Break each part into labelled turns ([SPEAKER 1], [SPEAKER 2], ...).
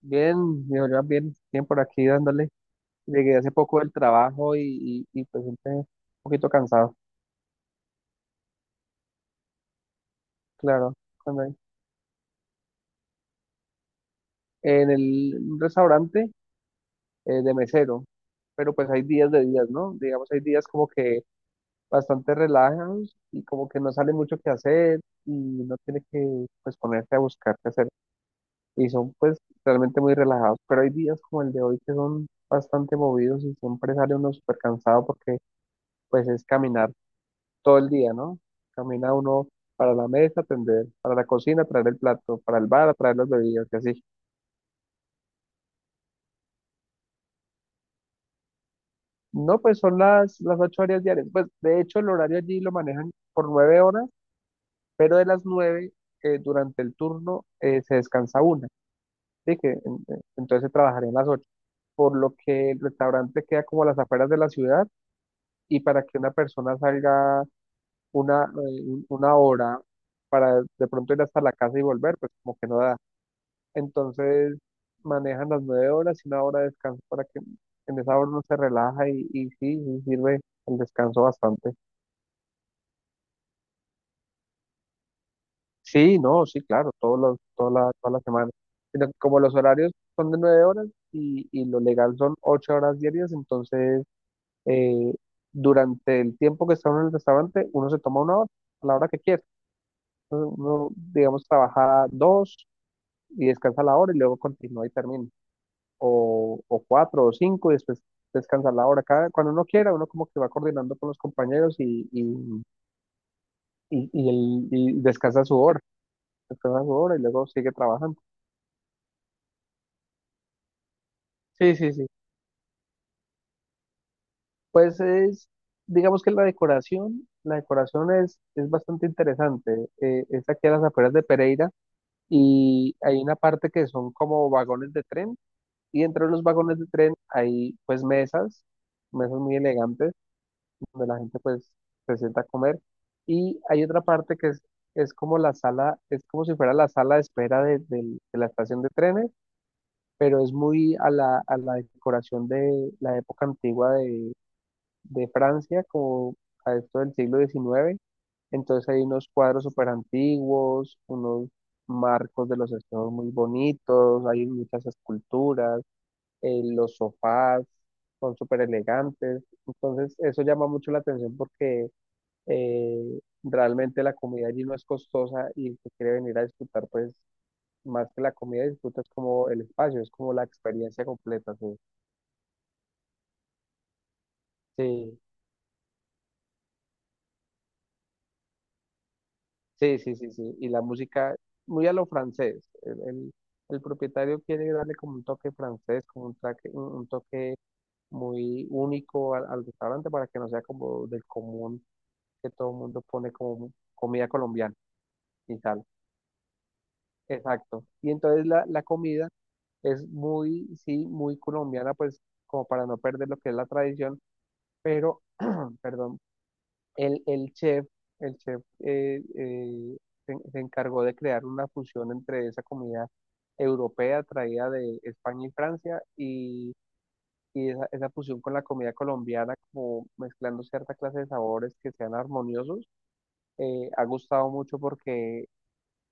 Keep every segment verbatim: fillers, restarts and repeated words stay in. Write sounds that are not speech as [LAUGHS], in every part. [SPEAKER 1] Bien, yo ya bien, bien por aquí dándole. Llegué hace poco del trabajo y, y, y pues siempre un poquito cansado, claro. cuando hay- En el un restaurante eh, de mesero, pero pues hay días de días, ¿no? Digamos, hay días como que bastante relajados y como que no sale mucho que hacer y no tiene que pues ponerse a buscar qué hacer. Y son pues realmente muy relajados, pero hay días como el de hoy que son bastante movidos y siempre sale uno súper cansado porque pues es caminar todo el día, ¿no? Camina uno para la mesa, atender, para la cocina, traer el plato, para el bar, traer las bebidas, y así. No, pues son las, las ocho horas diarias. Pues de hecho el horario allí lo manejan por nueve horas, pero de las nueve eh, durante el turno eh, se descansa una, ¿sí? Que, en- eh, entonces se trabajarían las ocho. Por lo que el restaurante queda como a las afueras de la ciudad y para que una persona salga una, eh, un- una hora para de pronto ir hasta la casa y volver, pues como que no da. Entonces manejan las nueve horas y una hora de descanso para que en esa hora uno se relaja y, y sí, sí sirve el descanso bastante. Sí, no, sí, claro, todos los, toda la, toda la semana. Sino que como los horarios son de nueve horas y, y lo legal son ocho horas diarias, entonces eh, durante el tiempo que está uno en el restaurante, uno se toma una hora, a la hora que quiera. Entonces, uno, digamos, trabaja dos y descansa la hora y luego continúa y termina. O, o cuatro o cinco y después descansar la hora. Cada, cuando uno quiera, uno como que va coordinando con los compañeros y, y, y, y el- y descansa su hora, descansa su hora y luego sigue trabajando. Sí, sí, sí. Pues es, digamos que la decoración, la decoración es, es bastante interesante. Eh, es aquí a las afueras de Pereira y hay una parte que son como vagones de tren y entre los vagones de tren hay pues mesas, mesas muy elegantes donde la gente pues se sienta a comer. Y hay otra parte que es, es como la sala, es como si fuera la sala de espera de, del- de la estación de trenes, pero es muy a la, a la decoración de la época antigua de, de Francia, como a esto del siglo diecinueve. Entonces hay unos cuadros súper antiguos, unos marcos de los espejos muy bonitos, hay muchas esculturas, eh, los sofás son súper elegantes. Entonces, eso llama mucho la atención porque eh, realmente la comida allí no es costosa y el quiere venir a disfrutar, pues más que la comida disfrutas como el espacio, es como la experiencia completa, sí. Sí, sí, sí, sí, sí. Y la música muy a lo francés. El, el- el propietario quiere darle como un toque francés, como un, traque- un un toque muy único al, al restaurante para que no sea como del común que todo el mundo pone como comida colombiana y tal. Exacto. Y entonces la, la comida es muy, sí, muy colombiana, pues como para no perder lo que es la tradición, pero, [CLEARS THROAT] perdón, el, el chef, el chef eh, eh, se, se encargó de crear una fusión entre esa comida europea traída de España y Francia y, y esa, esa fusión con la comida colombiana, como mezclando cierta clase de sabores que sean armoniosos, eh, ha gustado mucho porque,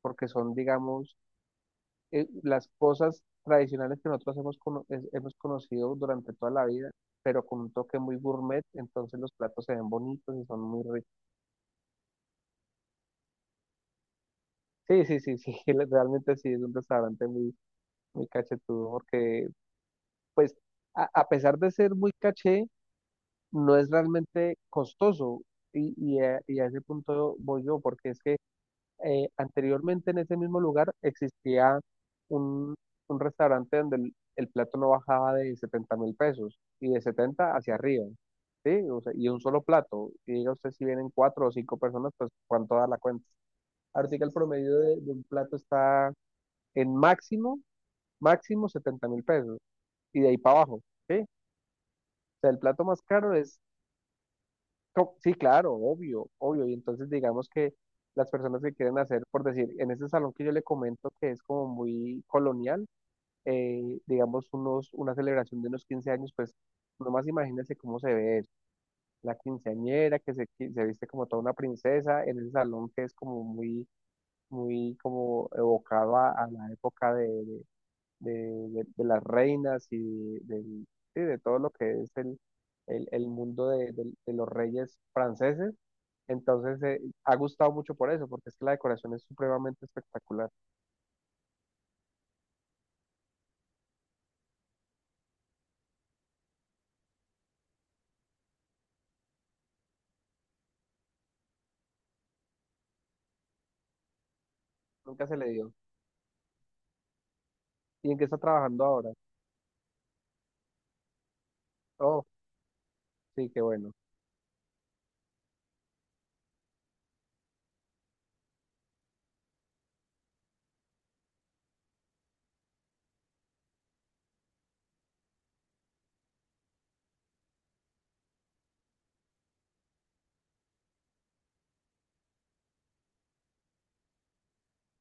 [SPEAKER 1] porque son, digamos, eh, las cosas tradicionales que nosotros hemos, cono- es- hemos conocido durante toda la vida, pero con un toque muy gourmet, entonces los platos se ven bonitos y son muy ricos. Sí, sí, sí, sí, [LAUGHS] le- realmente sí es un restaurante muy, muy cachetudo, porque pues a, a pesar de ser muy caché, no es realmente costoso y, y a, y a ese punto voy yo, porque es que eh, anteriormente en ese mismo lugar existía un, un restaurante donde el, el plato no bajaba de setenta mil pesos y de setenta hacia arriba, ¿sí? O sea, y un solo plato. Y diga usted si vienen cuatro o cinco personas, pues cuánto da la cuenta. Ahora sí que el promedio de, de un plato está en máximo, máximo setenta mil pesos y de ahí para abajo, ¿sí? O sea, el plato más caro es co- sí, claro, obvio, obvio. Y entonces digamos que las personas que quieren hacer, por decir, en ese salón que yo le comento que es como muy colonial, eh, digamos unos, una celebración de unos quince años, pues nomás imagínense cómo se ve eso. La quinceañera que se, qui- se viste como toda una princesa en ese salón que es como muy, muy como evocado a, a la época de, de, de- de- de las reinas y del- sí, de todo lo que es el el, el mundo de, de- de los reyes franceses entonces, eh, ha gustado mucho por eso, porque es que la decoración es supremamente espectacular. Nunca se le dio. ¿Y en qué está trabajando ahora? Oh, sí, qué bueno.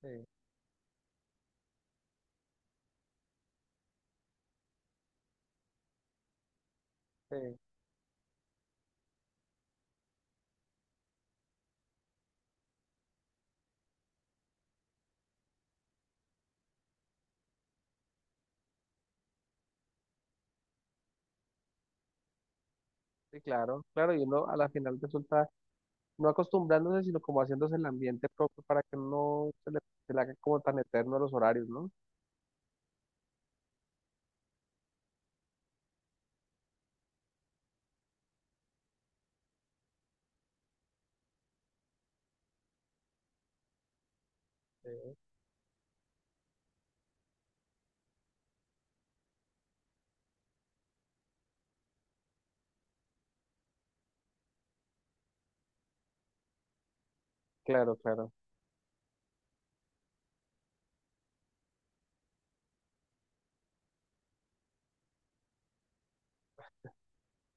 [SPEAKER 1] Sí, sí, sí, claro, claro. Y uno a la final resulta no acostumbrándose, sino como haciéndose el ambiente propio para que no se le, se le haga como tan eterno los horarios, ¿no? Sí. Claro, claro.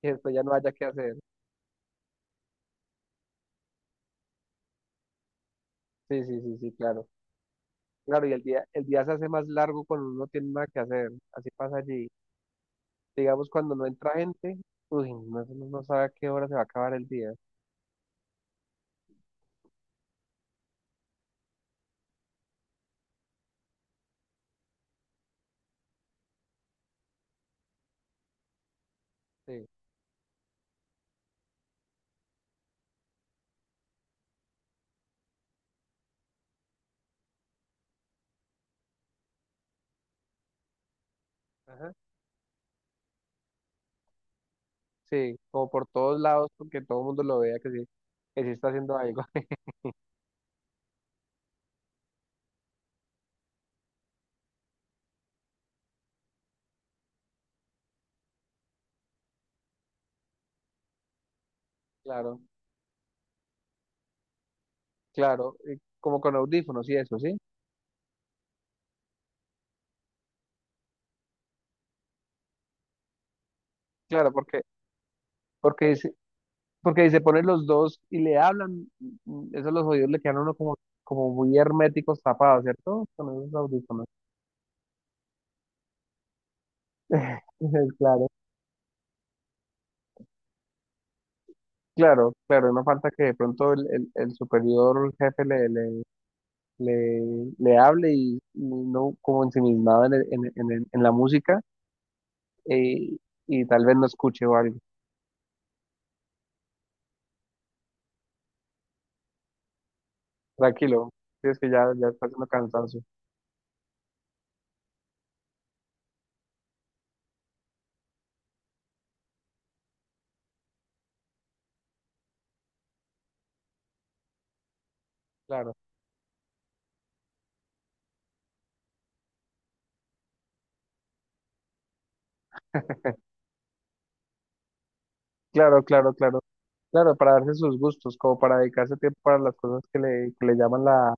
[SPEAKER 1] Y después ya no haya que hacer. Sí, sí, sí, sí, claro. Claro, y el día, el día se hace más largo cuando uno no tiene nada que hacer. Así pasa allí. Digamos, cuando no entra gente, uy, no, no no sabe a qué hora se va a acabar el día. Sí, ajá. Sí, como por todos lados, porque todo el mundo lo vea que sí, que sí está haciendo algo. [LAUGHS] Claro, claro, y como con audífonos y eso, ¿sí? Claro, porque, porque, si- porque si se ponen los dos y le hablan, mm, esos los oídos le quedan a uno como, como muy herméticos tapados, ¿cierto? Con esos audífonos. [LAUGHS] Claro, claro, claro, no falta que de pronto el, el, el superior jefe le, le, le, le hable y, y no como ensimismado en, el- en, en, el- en la música eh, y tal vez no escuche o algo. Tranquilo, si es que ya, ya está haciendo cansancio. Claro, claro, claro, claro. Claro, para darse sus gustos, como para dedicarse tiempo para las cosas que le, que le llaman la,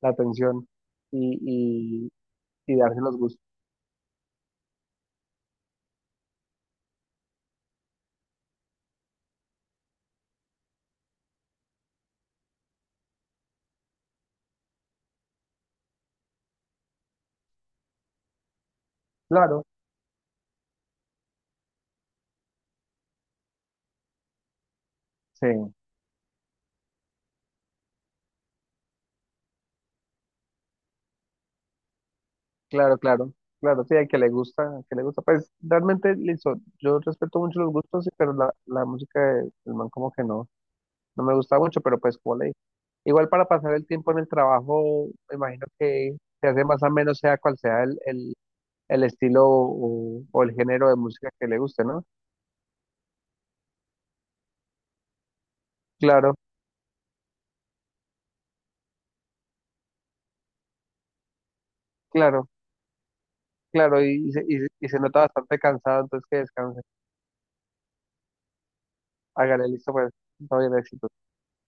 [SPEAKER 1] la atención y, y, y darse los gustos. Claro, sí, claro, claro. Claro, sí, al que le gusta, al que le gusta. Pues realmente, listo, yo respeto mucho los gustos, sí, pero la, la música del man como que no. No me gusta mucho, pero pues como le dije. Igual para pasar el tiempo en el trabajo, me imagino que se hace más o menos sea cual sea el, el, el estilo o, o el género de música que le guste, ¿no? Claro, claro, claro, y, y se, y se y se nota bastante cansado, entonces que descanse. Hágale, listo, pues, todo bien, éxito.